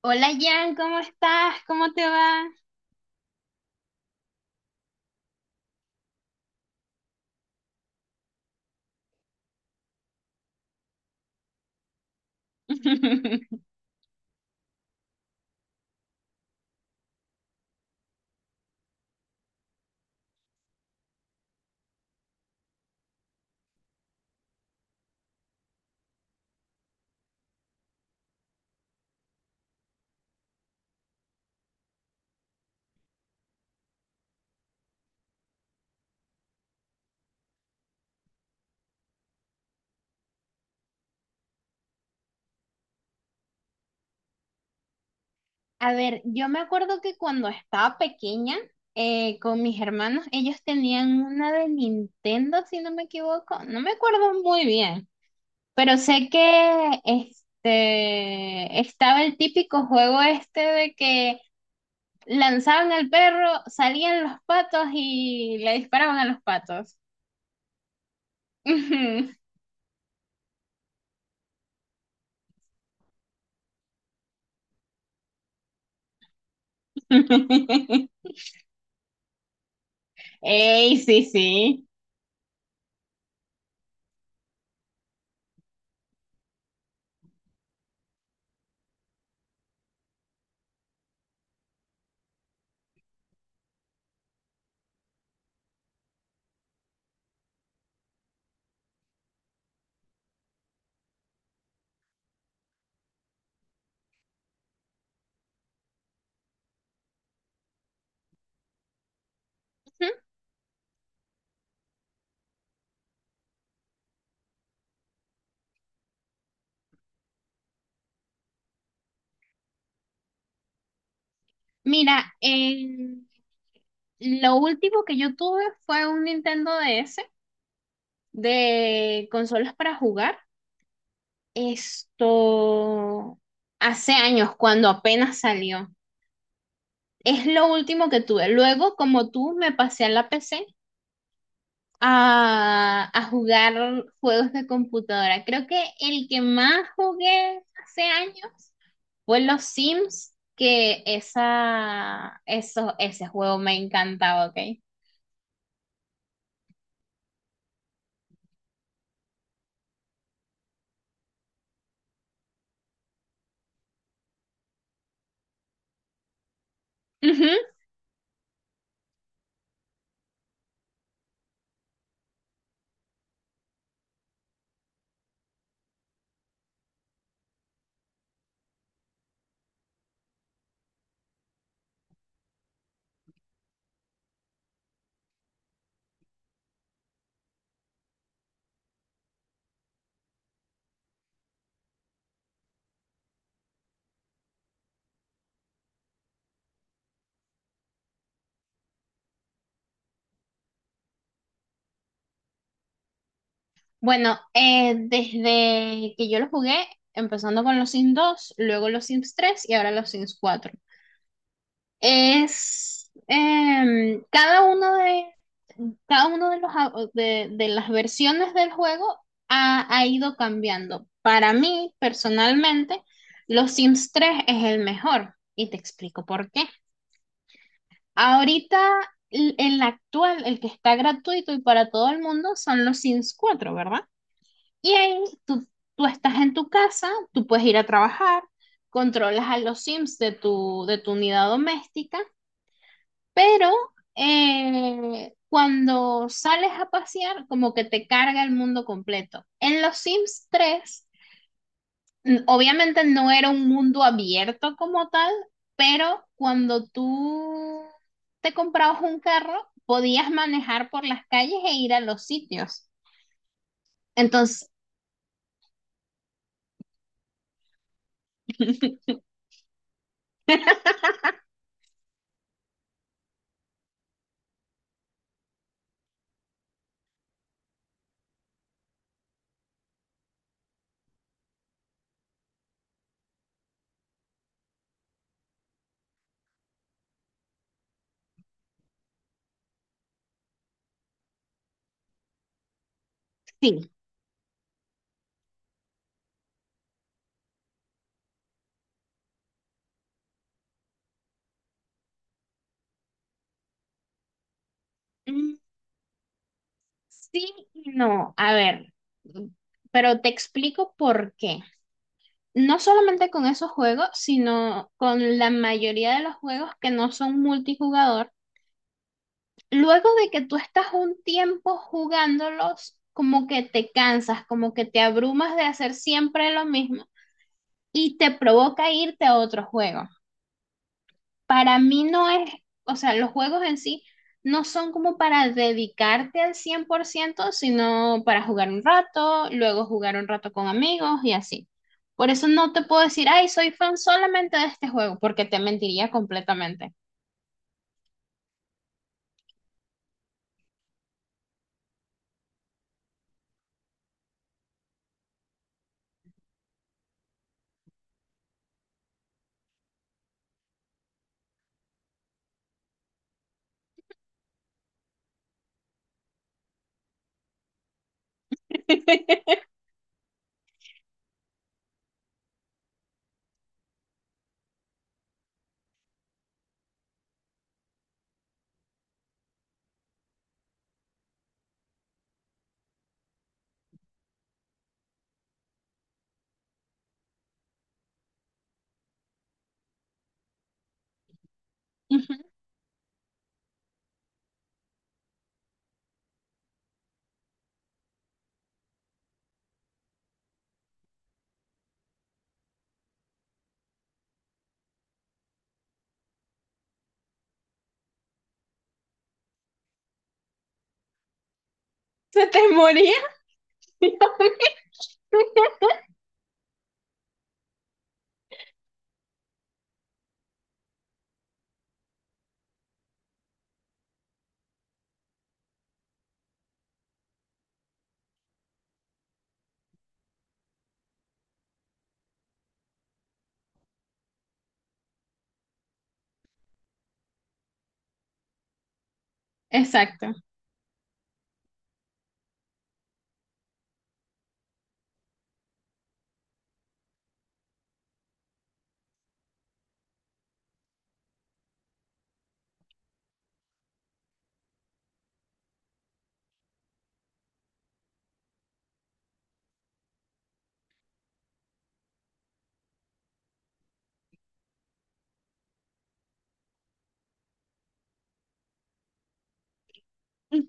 Hola Jan, ¿cómo estás? ¿Cómo te va? A ver, yo me acuerdo que cuando estaba pequeña con mis hermanos, ellos tenían una de Nintendo, si no me equivoco. No me acuerdo muy bien, pero sé que este estaba el típico juego este de que lanzaban al perro, salían los patos y le disparaban a los patos. Ujú. Ey, sí, sí. Ujú. Mira, lo último que yo tuve fue un Nintendo DS de consolas para jugar. Esto hace años, cuando apenas salió. Es lo último que tuve. Luego, como tú, me pasé a la PC a, jugar juegos de computadora. Creo que el que más jugué hace años fue los Sims, que esa, eso, ese juego me encantaba, ¿ok? Ujú. Bueno, desde que yo lo jugué, empezando con los Sims 2, luego los Sims 3 y ahora los Sims cuatro, es cada uno de los de, las versiones del juego ha, ido cambiando. Para mí, personalmente, los Sims 3 es el mejor y te explico por qué. Ahorita el actual, el que está gratuito y para todo el mundo son los Sims cuatro, ¿verdad? Y ahí tú, tú estás en tu casa, tú puedes ir a trabajar, controlas a los Sims de tu unidad doméstica, pero cuando sales a pasear, como que te carga el mundo completo. En los Sims 3 obviamente no era un mundo abierto como tal, pero cuando tú te comprabas un carro, podías manejar por las calles e ir a los sitios. Entonces, sí. Sí y no, a ver, mm, pero te explico por qué. No solamente con esos juegos, sino con la mayoría de los juegos que no son multijugador. Luego de que tú estás un tiempo jugándolos, como que te cansas, como que te abrumas de hacer siempre lo mismo y te provoca irte a otro juego. Para mí no es, o sea, los juegos en sí no son como para dedicarte al 100%, sino para jugar un rato, luego jugar un rato con amigos y así. Por eso no te puedo decir, ay, soy fan solamente de este juego, porque te mentiría completamente. Ujú. ¿Se te moría? Exacto.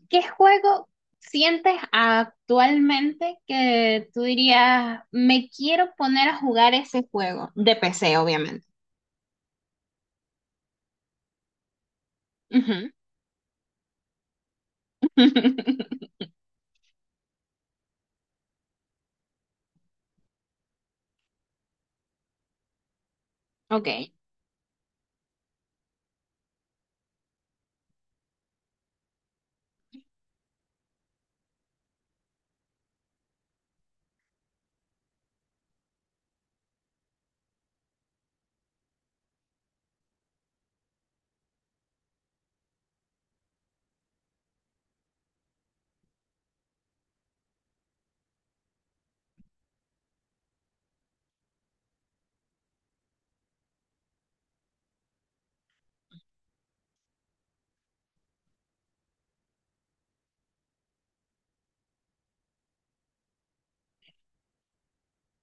¿Qué juego sientes actualmente que tú dirías, me quiero poner a jugar ese juego? De PC, obviamente. Ujú. Ok.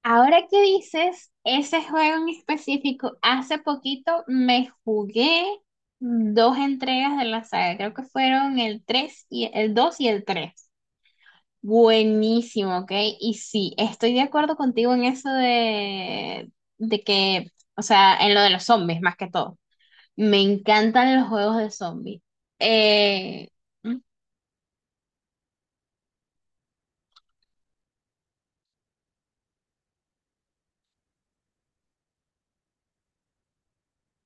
Ahora que dices, ese juego en específico, hace poquito me jugué dos entregas de la saga. Creo que fueron el 3 y el 2 y el 3. Buenísimo, ok. Y sí, estoy de acuerdo contigo en eso de que, o sea, en lo de los zombies más que todo. Me encantan los juegos de zombies. Eh,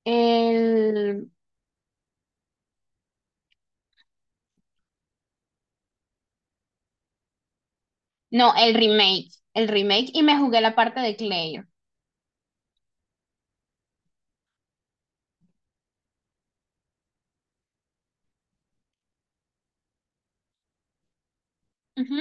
el, no, el remake. El remake y me jugué la parte de Claire. Ujú,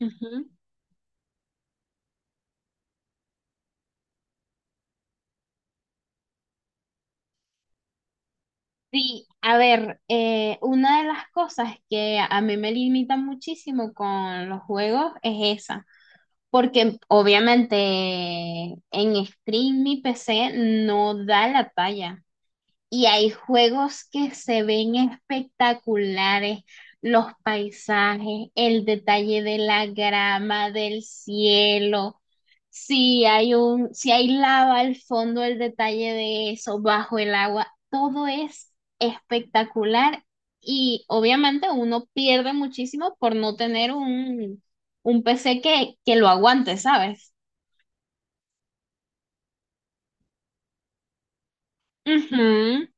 ujú. Sí, a ver, una de las cosas que a mí me limita muchísimo con los juegos es esa, porque obviamente en stream mi PC no da la talla. Y hay juegos que se ven espectaculares, los paisajes, el detalle de la grama, del cielo. Si hay un, si hay lava al fondo, el detalle de eso, bajo el agua, todo es espectacular y obviamente uno pierde muchísimo por no tener un PC que lo aguante, ¿sabes? Ujú.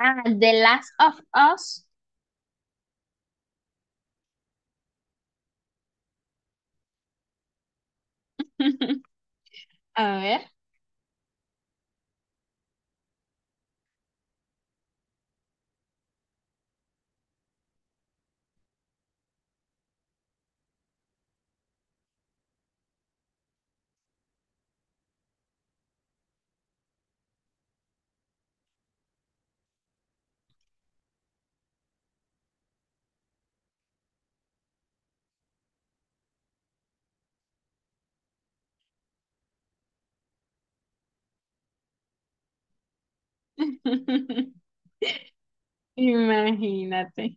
Ah, The Last of Us. A ver. Imagínate.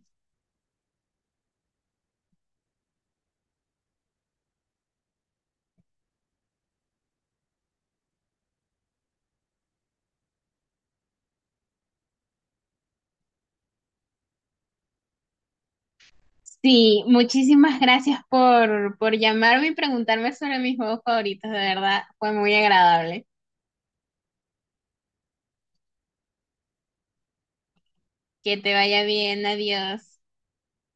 Sí, muchísimas gracias por llamarme y preguntarme sobre mis juegos favoritos, de verdad, fue muy agradable. Que te vaya bien, adiós.